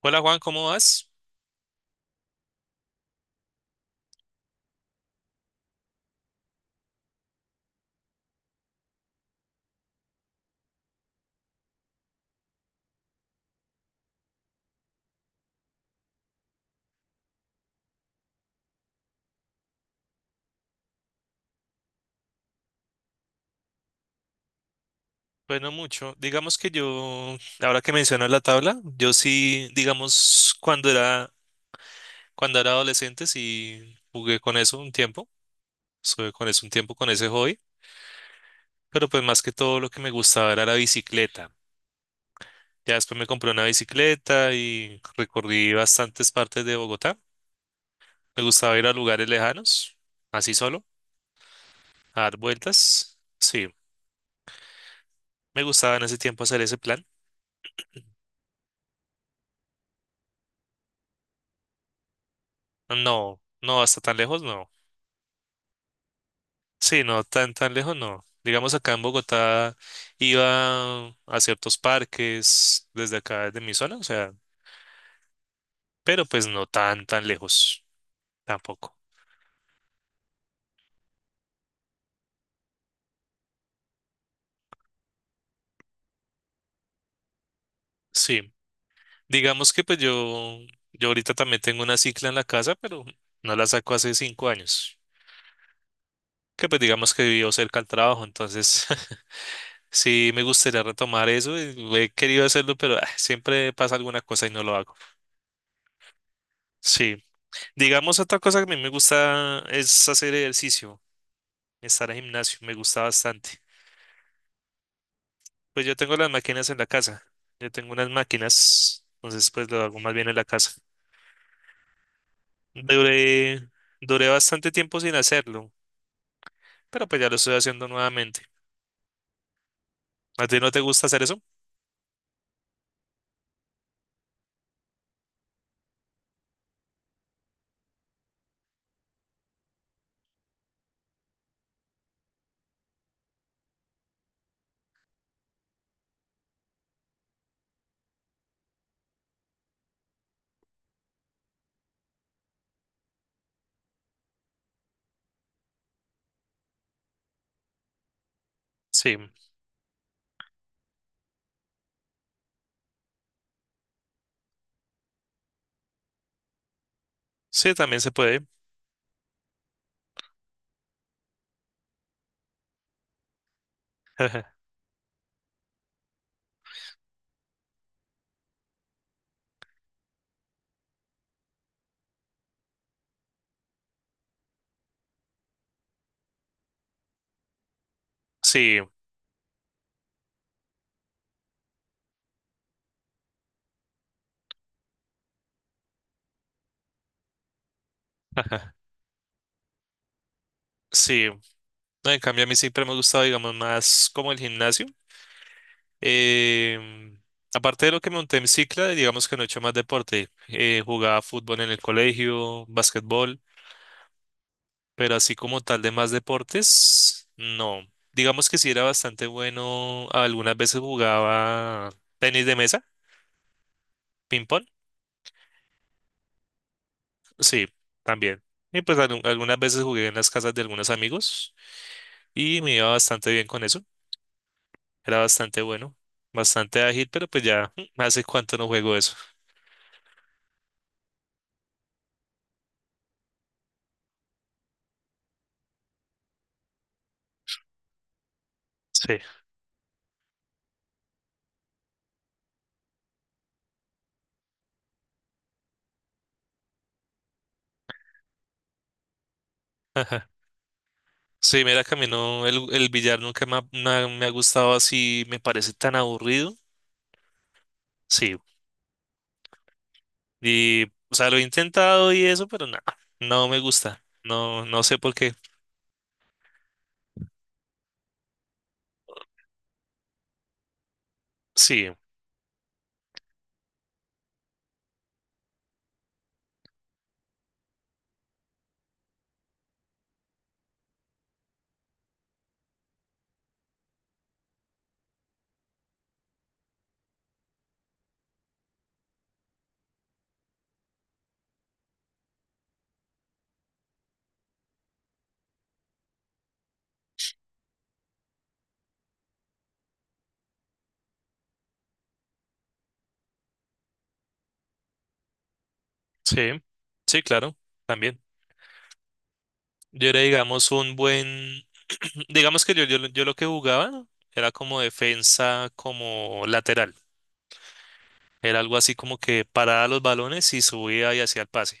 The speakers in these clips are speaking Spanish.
Hola Juan, ¿cómo vas? Bueno, mucho. Digamos que yo, ahora que mencionas la tabla, yo sí, digamos, cuando era adolescente sí jugué con eso un tiempo, estuve con eso un tiempo con ese hobby, pero pues más que todo lo que me gustaba era la bicicleta. Ya después me compré una bicicleta y recorrí bastantes partes de Bogotá. Me gustaba ir a lugares lejanos, así solo, a dar vueltas. Sí, me gustaba en ese tiempo hacer ese plan. No, no hasta tan lejos, no. Sí, no, tan lejos no. Digamos acá en Bogotá iba a ciertos parques desde acá, desde mi zona, o sea, pero pues no tan lejos tampoco. Sí, digamos que pues yo ahorita también tengo una cicla en la casa, pero no la saco hace 5 años. Que pues digamos que vivo cerca al trabajo, entonces sí me gustaría retomar eso. Y lo he querido hacerlo, pero siempre pasa alguna cosa y no lo hago. Sí, digamos otra cosa que a mí me gusta es hacer ejercicio. Estar al gimnasio, me gusta bastante. Pues yo tengo las máquinas en la casa, yo tengo unas máquinas, entonces pues lo hago más bien en la casa. Duré, duré bastante tiempo sin hacerlo, pero pues ya lo estoy haciendo nuevamente. ¿A ti no te gusta hacer eso? Sí, sí, también se puede. Sí, ajá, sí. No, en cambio, a mí siempre me ha gustado, digamos, más como el gimnasio. Em, Aparte de lo que monté en cicla, digamos que no he hecho más deporte. Jugaba fútbol en el colegio, básquetbol. Pero así como tal de más deportes, no. Digamos que sí era bastante bueno. Algunas veces jugaba tenis de mesa, ping pong, sí, también. Y pues algunas veces jugué en las casas de algunos amigos y me iba bastante bien con eso. Era bastante bueno, bastante ágil, pero pues ya hace cuánto no juego eso. Sí. Ajá. Sí, mira que a mí no, el billar nunca me ha, me ha gustado así, me parece tan aburrido. Sí. Y, o sea, lo he intentado y eso, pero nada, no me gusta. No, no sé por qué. Sí, sí, sí, claro, también. Yo era, digamos, un digamos que yo lo que jugaba, ¿no? Era como defensa, como lateral. Era algo así como que paraba los balones y subía y hacía el pase.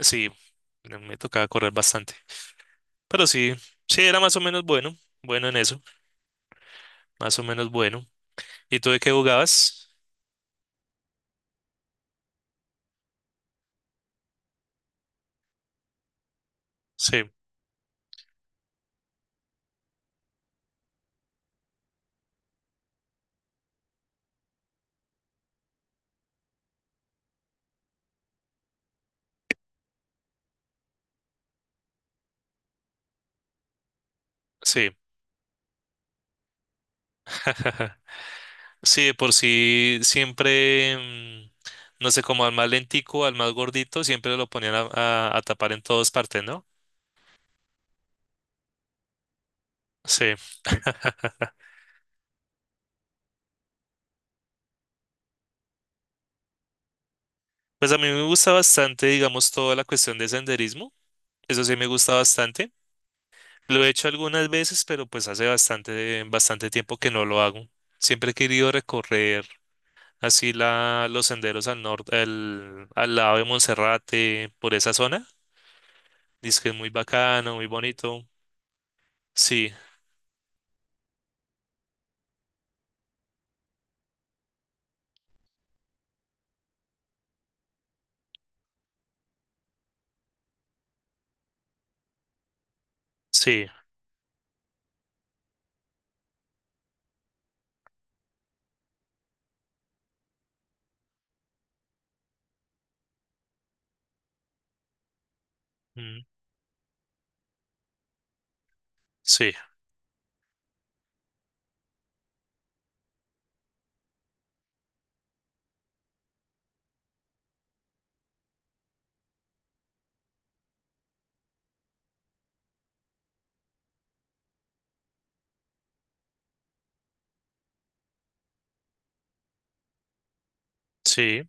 Sí, me tocaba correr bastante. Pero sí, sí, era más o menos bueno, bueno en eso, más o menos bueno. ¿Y tú de qué jugabas? Sí, sí. Sí, de por sí siempre, no sé, como al más lentico, al más gordito, siempre lo ponían a, a tapar en todas partes, ¿no? Sí. Pues a mí me gusta bastante, digamos, toda la cuestión de senderismo. Eso sí me gusta bastante. Lo he hecho algunas veces, pero pues hace bastante, bastante tiempo que no lo hago. Siempre he querido recorrer así los senderos al norte, al lado de Monserrate, por esa zona. Dice que es muy bacano, muy bonito. Sí, sí, mm, sí, sí.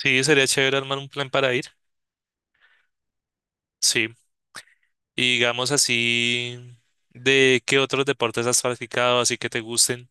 Sí, sería chévere armar un plan para ir. Sí. Y digamos así, ¿de qué otros deportes has practicado así que te gusten?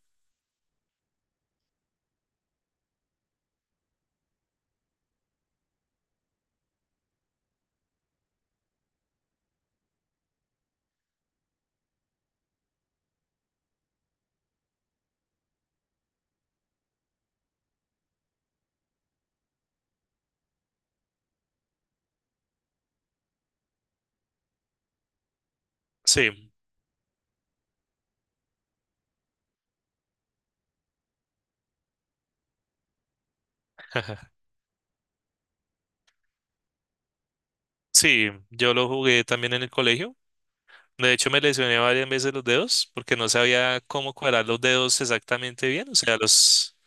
Sí. Sí, yo lo jugué también en el colegio. De hecho, me lesioné varias veces los dedos porque no sabía cómo cuadrar los dedos exactamente bien. O sea, los...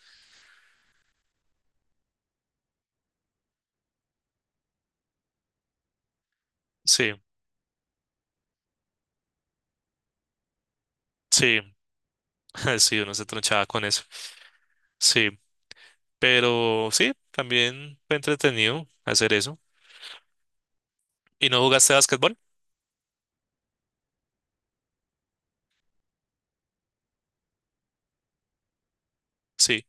Sí, sí, sí, uno se tronchaba con eso. Sí, pero sí, también fue entretenido hacer eso. ¿Y no jugaste básquetbol? Sí,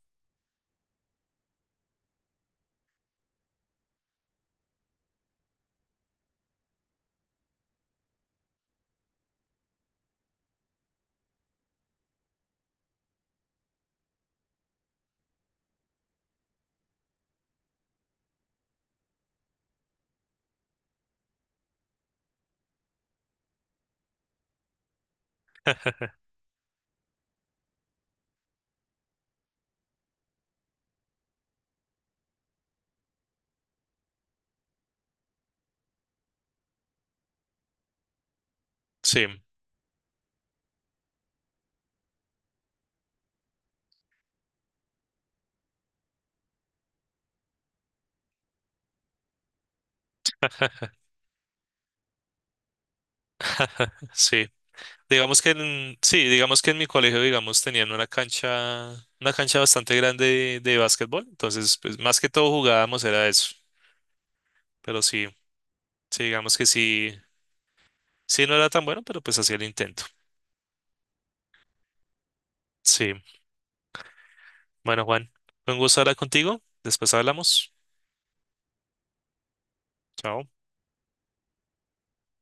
sí, sí. Digamos que en, sí, digamos que en mi colegio, digamos, tenían una cancha bastante grande de básquetbol, entonces, pues más que todo jugábamos era eso, pero sí, sí, digamos que sí, sí no era tan bueno, pero pues hacía el intento. Sí, bueno, Juan, fue un gusto hablar contigo, después hablamos, chao.